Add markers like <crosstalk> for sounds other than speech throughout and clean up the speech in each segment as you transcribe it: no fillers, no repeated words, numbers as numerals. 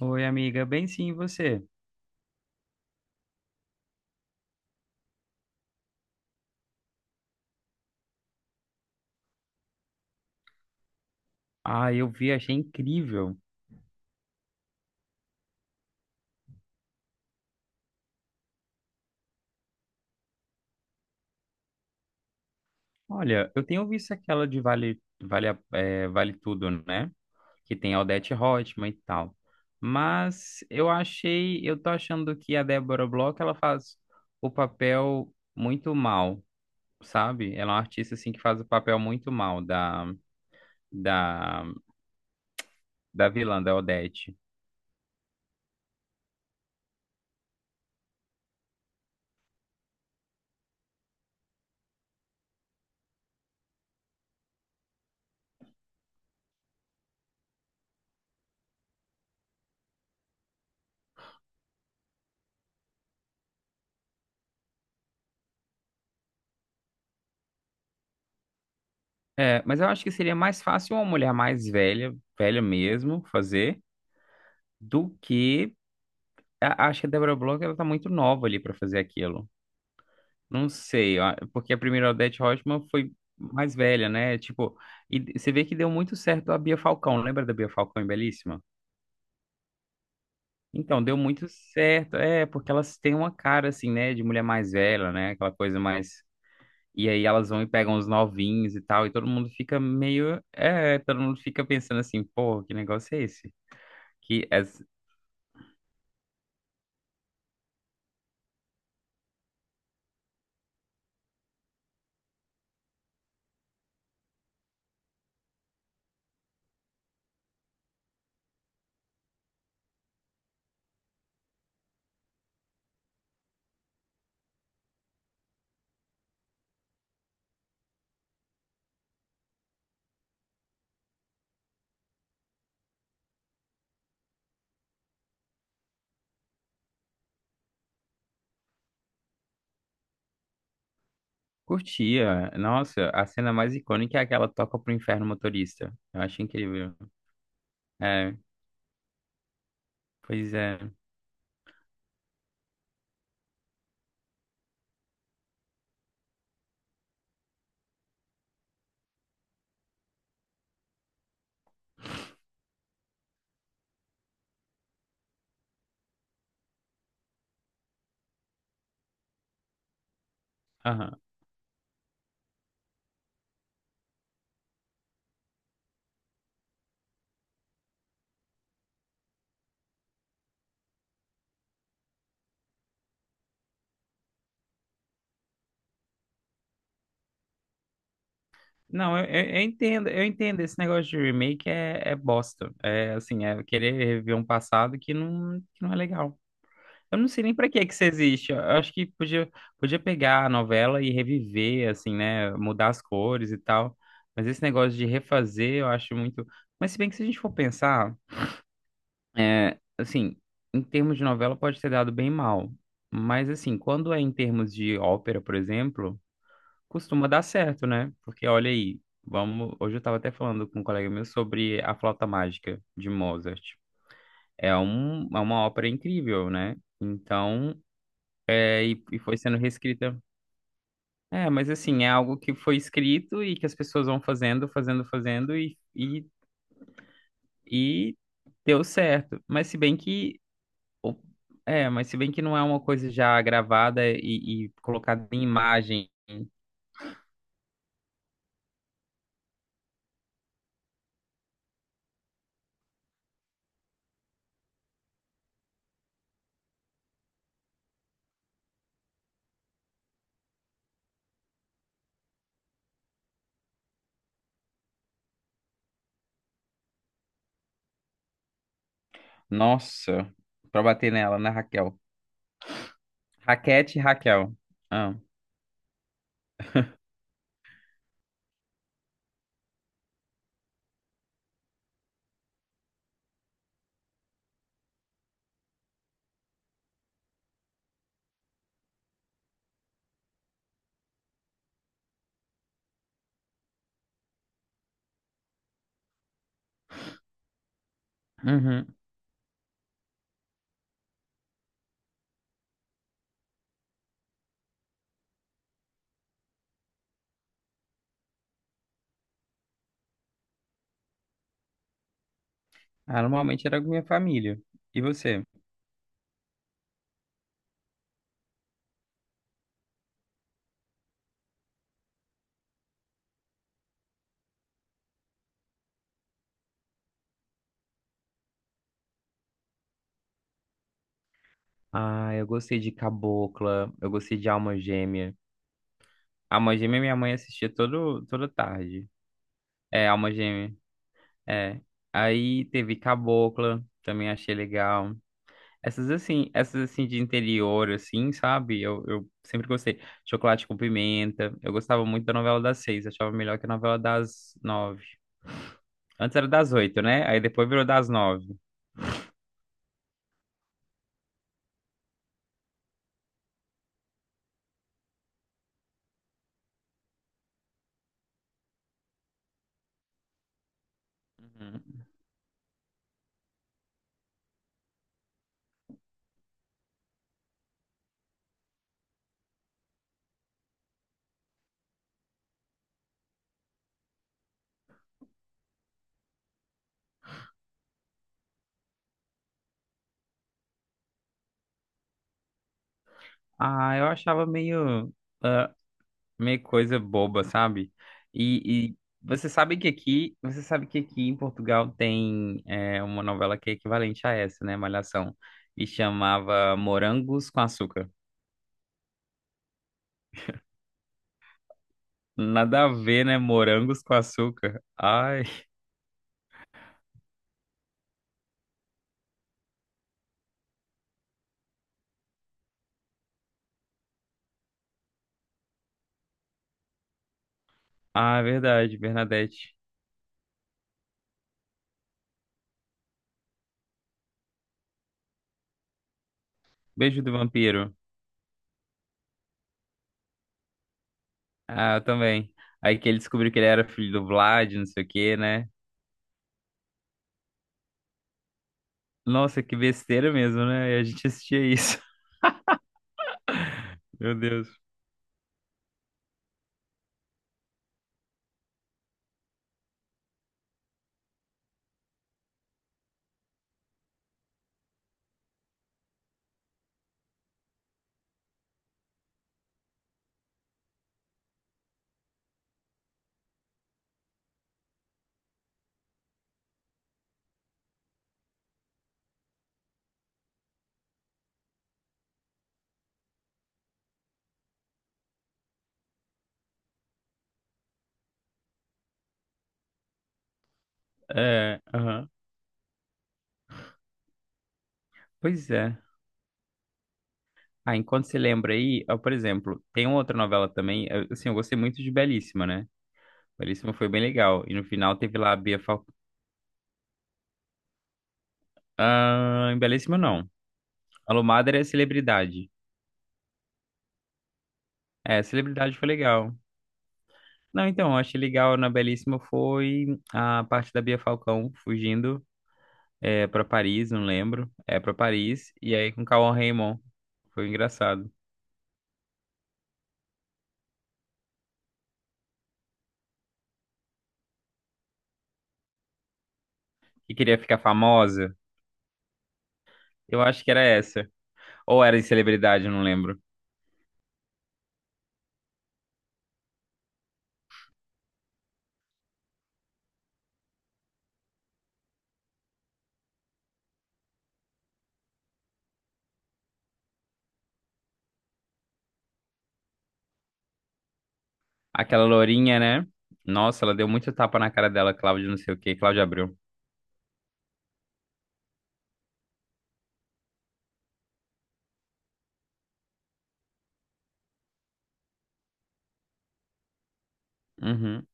Oi, amiga. Bem sim, e você? Ah, eu vi, achei incrível. Olha, eu tenho visto aquela de Vale Tudo, né? Que tem a Odete Roitman e tal. Mas eu tô achando que a Débora Bloch, ela faz o papel muito mal, sabe? Ela é uma artista, assim, que faz o papel muito mal da, da vilã, da Odete. É, mas eu acho que seria mais fácil uma mulher mais velha, velha mesmo, fazer do que acho que a Deborah Bloch ela tá muito nova ali pra fazer aquilo. Não sei, ó, porque a primeira Odete Roitman foi mais velha, né? Tipo, e você vê que deu muito certo a Bia Falcão. Lembra da Bia Falcão em Belíssima? Então, deu muito certo. É, porque elas têm uma cara assim, né, de mulher mais velha, né? Aquela coisa mais. E aí elas vão e pegam os novinhos e tal, e todo mundo fica pensando assim, pô, que negócio é esse? Que é. Curtia. Nossa, a cena mais icônica é aquela toca pro inferno motorista. Eu acho incrível. É, pois é. Aham. Não, eu entendo. Esse negócio de remake é bosta. É assim, é querer reviver um passado que não é legal. Eu não sei nem pra que que isso existe. Eu acho que podia pegar a novela e reviver, assim, né? Mudar as cores e tal. Mas esse negócio de refazer, eu acho muito. Mas se bem que se a gente for pensar. É, assim, em termos de novela pode ter dado bem mal, mas assim, quando é em termos de ópera, por exemplo, costuma dar certo, né? Porque olha aí, vamos, hoje eu estava até falando com um colega meu sobre A Flauta Mágica de Mozart. É uma ópera incrível, né? Então, e foi sendo reescrita. É, mas assim, é algo que foi escrito e que as pessoas vão fazendo, fazendo, fazendo e deu certo. Ou- mas se bem que não é uma coisa já gravada e, colocada em imagem. Nossa, pra bater nela, né, Raquel? Raquete e Raquel. Ah, uhum. Ah, normalmente era com minha família. E você? Ah, eu gostei de Cabocla, eu gostei de Alma Gêmea. Alma Gêmea minha mãe assistia todo, toda tarde. É, Alma Gêmea, é. Aí teve Cabocla, também achei legal. Essas assim de interior, assim, sabe? Eu sempre gostei. Chocolate com pimenta. Eu gostava muito da novela das seis. Achava melhor que a novela das nove. Antes era das oito, né? Aí depois virou das nove. Uhum. Ah, eu achava ah, meio coisa boba, sabe? E você sabe que aqui em Portugal tem uma novela que é equivalente a essa, né? Malhação. E chamava Morangos com Açúcar. Nada a ver, né? Morangos com Açúcar. Ai. Ah, é verdade, Bernadette. Beijo do Vampiro. Ah, eu também. Aí que ele descobriu que ele era filho do Vlad, não sei o quê, né? Nossa, que besteira mesmo, né? E a gente assistia isso. <laughs> Meu Deus. É, aham. Pois é. Ah, enquanto você lembra aí, ó, por exemplo, tem uma outra novela também. Assim, eu gostei muito de Belíssima, né? Belíssima foi bem legal. E no final teve lá a Bia Falcão. Ah, em Belíssima não. Alô Madre é Celebridade. É, Celebridade foi legal. Não, então, eu achei legal na Belíssima foi a parte da Bia Falcão fugindo para Paris, não lembro. É para Paris, e aí com Cauã Raymond. Foi engraçado. Que queria ficar famosa? Eu acho que era essa. Ou era de Celebridade, eu não lembro. Aquela lourinha, né? Nossa, ela deu muito tapa na cara dela, Cláudia, não sei o quê, Cláudia Abreu. Uhum.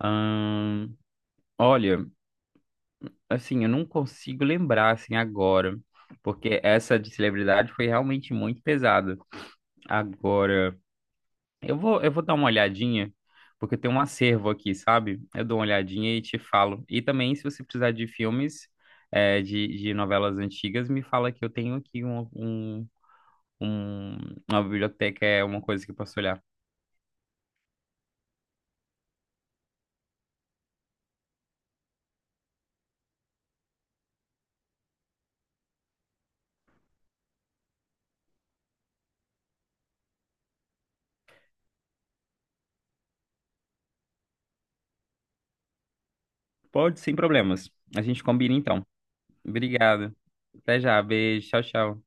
Ahn, olha, assim, eu não consigo lembrar assim agora, porque essa de Celebridade foi realmente muito pesada. Agora. Eu vou dar uma olhadinha, porque tem um acervo aqui, sabe? Eu dou uma olhadinha e te falo. E também, se você precisar de filmes, de novelas antigas, me fala que eu tenho aqui um- uma biblioteca, é uma coisa que eu posso olhar. Pode, sem problemas. A gente combina então. Obrigado. Até já. Beijo. Tchau, tchau.